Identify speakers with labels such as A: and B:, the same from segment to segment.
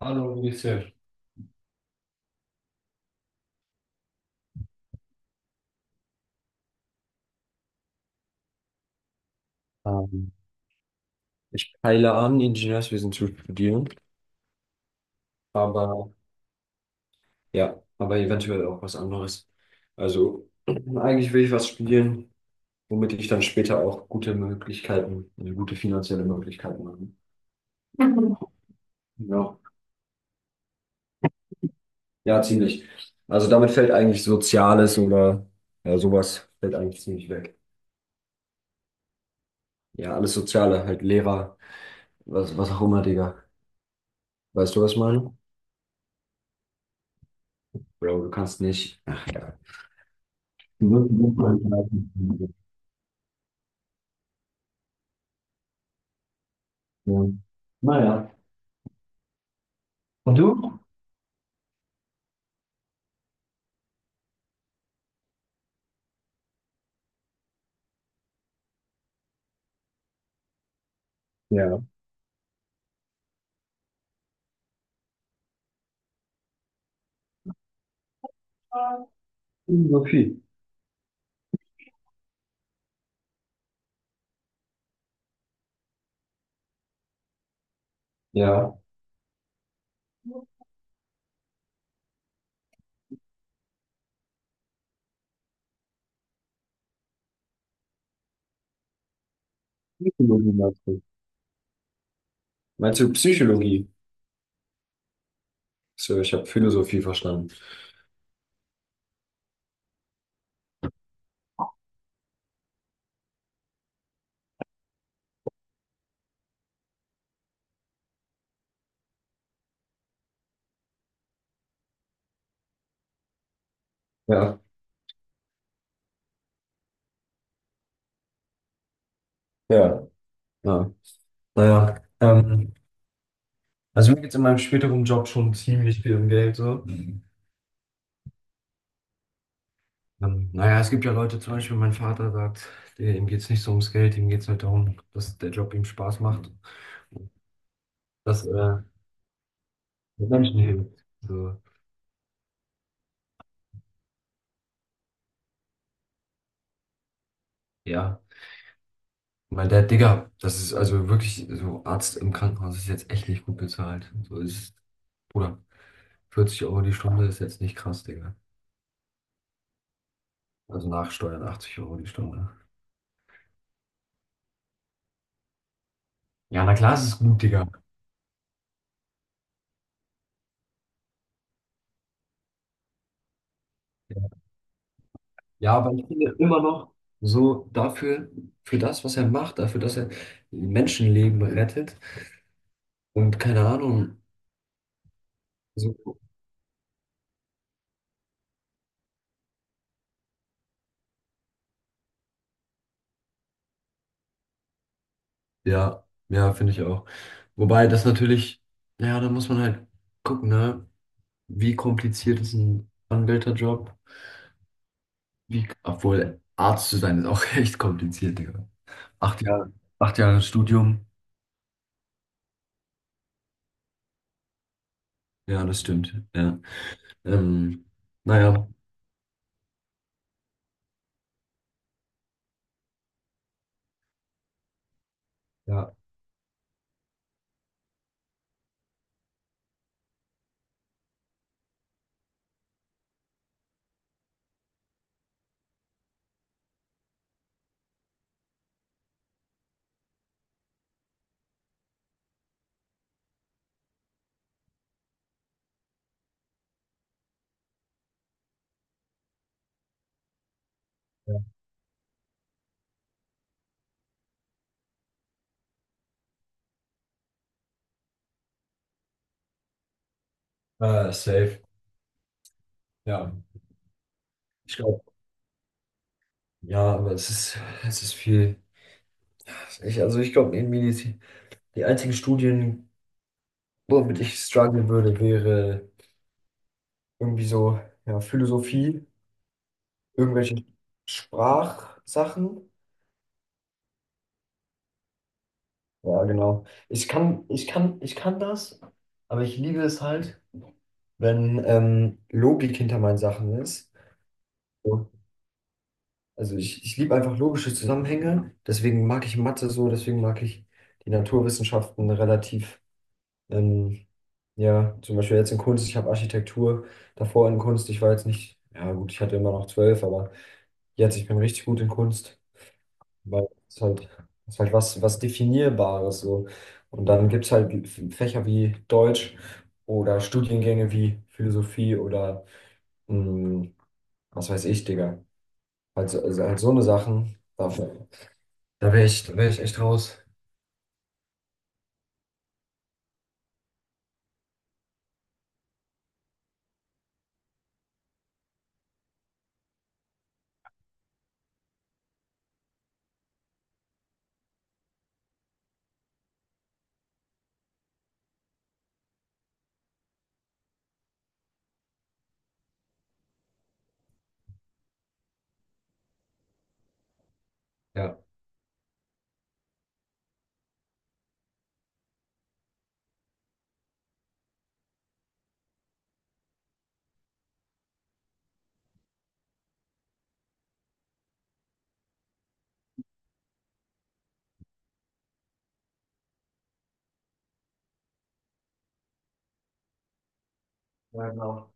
A: Hallo, wie geht's dir? Ähm, Ich peile an, Ingenieurswesen zu studieren, aber ja, aber eventuell auch was anderes. Also eigentlich will ich was studieren, womit ich dann später auch gute Möglichkeiten, also gute finanzielle Möglichkeiten habe. Ja, ja, ziemlich. Also damit fällt eigentlich Soziales oder ja, sowas fällt eigentlich ziemlich weg. Ja, alles Soziale, halt Lehrer, was auch immer, Digga. Weißt du, was ich meine? Bro, du kannst nicht. Ach ja. Du wirst nicht mal- Ja. Naja, und du? Ja. Philosophie. Ja, Psychologie meinst du? Meinst du Psychologie? So, ich habe Philosophie verstanden. Ja, ja, ja. Naja, also mir geht es in meinem späteren Job schon ziemlich viel um Geld so. Mhm. Naja, es gibt ja Leute, zum Beispiel mein Vater sagt, der, ihm geht es nicht so ums Geld, ihm geht es halt darum, dass der Job ihm Spaß macht, dass er Menschen hilft. So, ja, mein Dad, Digga, das ist also wirklich so. Arzt im Krankenhaus ist jetzt echt nicht gut bezahlt. So ist, Bruder, 40 € die Stunde ist jetzt nicht krass, Digga. Also nach Steuern 80 € die Stunde. Ja, na klar, es ist gut, Digga. Ja, aber ich finde immer noch so dafür, für das, was er macht, dafür, dass er Menschenleben rettet und keine Ahnung. So. Ja, ja, finde ich auch. Wobei das natürlich, ja, da muss man halt gucken, ne? Wie kompliziert ist ein Anwälterjob? Wie, obwohl Arzt zu sein ist auch echt kompliziert, Digga. Acht Jahre, acht Jahre Studium. Ja, das stimmt. Ja. Ähm, naja. Ja, ja. Safe. Ja. Ich glaube, ja, aber es ist viel. Also ich glaube, in Medizin, die einzigen Studien, womit ich strugglen würde, wäre irgendwie so, ja, Philosophie, irgendwelche Sprachsachen. Ja, genau. Ich kann das, aber ich liebe es halt, wenn Logik hinter meinen Sachen ist. So. Ich liebe einfach logische Zusammenhänge, deswegen mag ich Mathe so, deswegen mag ich die Naturwissenschaften relativ, ähm, ja, zum Beispiel jetzt in Kunst, ich habe Architektur davor in Kunst, ich war jetzt nicht, ja gut, ich hatte immer noch zwölf, aber jetzt, ich bin richtig gut in Kunst, weil es halt, es ist halt was, was Definierbares so. Und dann gibt es halt Fächer wie Deutsch oder Studiengänge wie Philosophie oder mh, was weiß ich, Digga. Also halt so eine Sachen, da wär ich echt raus. Ja. Ja, genau.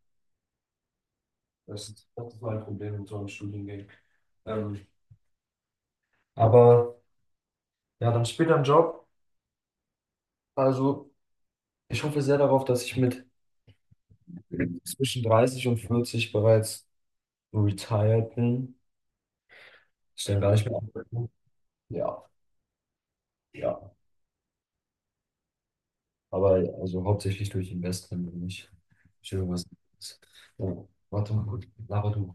A: Das ist mein Problem mit so einem Studiengang. Ähm, aber ja, dann später ein Job. Also, ich hoffe sehr darauf, dass ich mit zwischen 30 und 40 bereits retired bin. Ich denke gar nicht mehr an. Ja, ja. Aber also hauptsächlich durch Investment und nicht durch irgendwas anderes. Ja. Warte mal, gut. Laber du.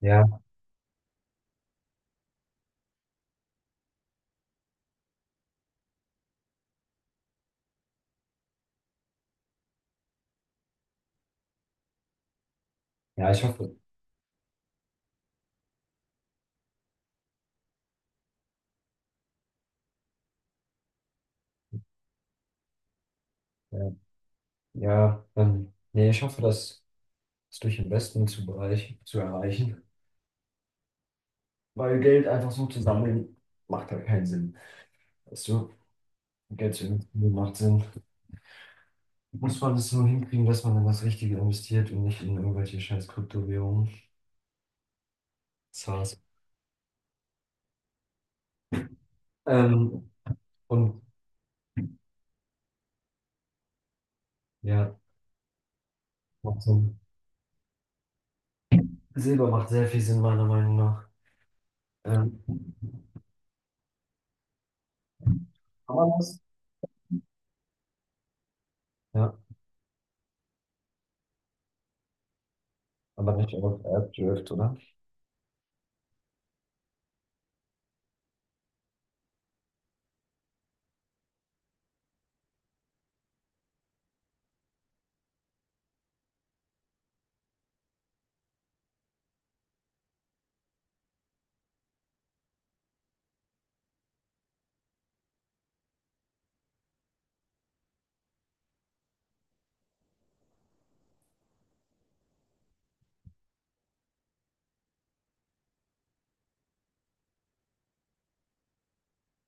A: Ja, ja, ich hoffe. Ja. Ja, nee, ich hoffe, das ist durch Investment zu, bereich, zu erreichen. Weil Geld einfach so zu sammeln, macht halt keinen Sinn. Weißt du, Geld zu investieren macht Sinn. Muss man es nur hinkriegen, dass man in das Richtige investiert und nicht in irgendwelche scheiß Kryptowährungen. SaaS. Ähm, und ja, macht Sinn. Silber macht sehr viel Sinn, meiner Meinung nach. Ähm, kann man das? Ja, aber nicht auf AppDrift, oder?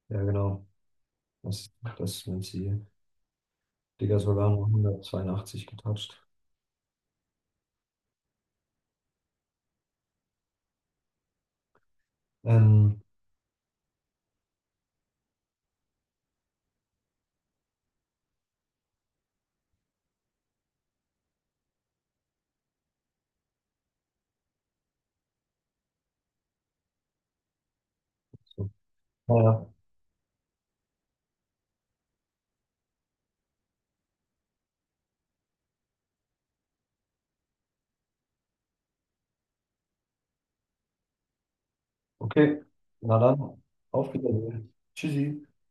A: Ja, genau. Das, das ist mein Ziel. Digga, Solano 182 getatscht. Ähm, so, naja, okay. Na dann, auf Wiedersehen. Tschüssi.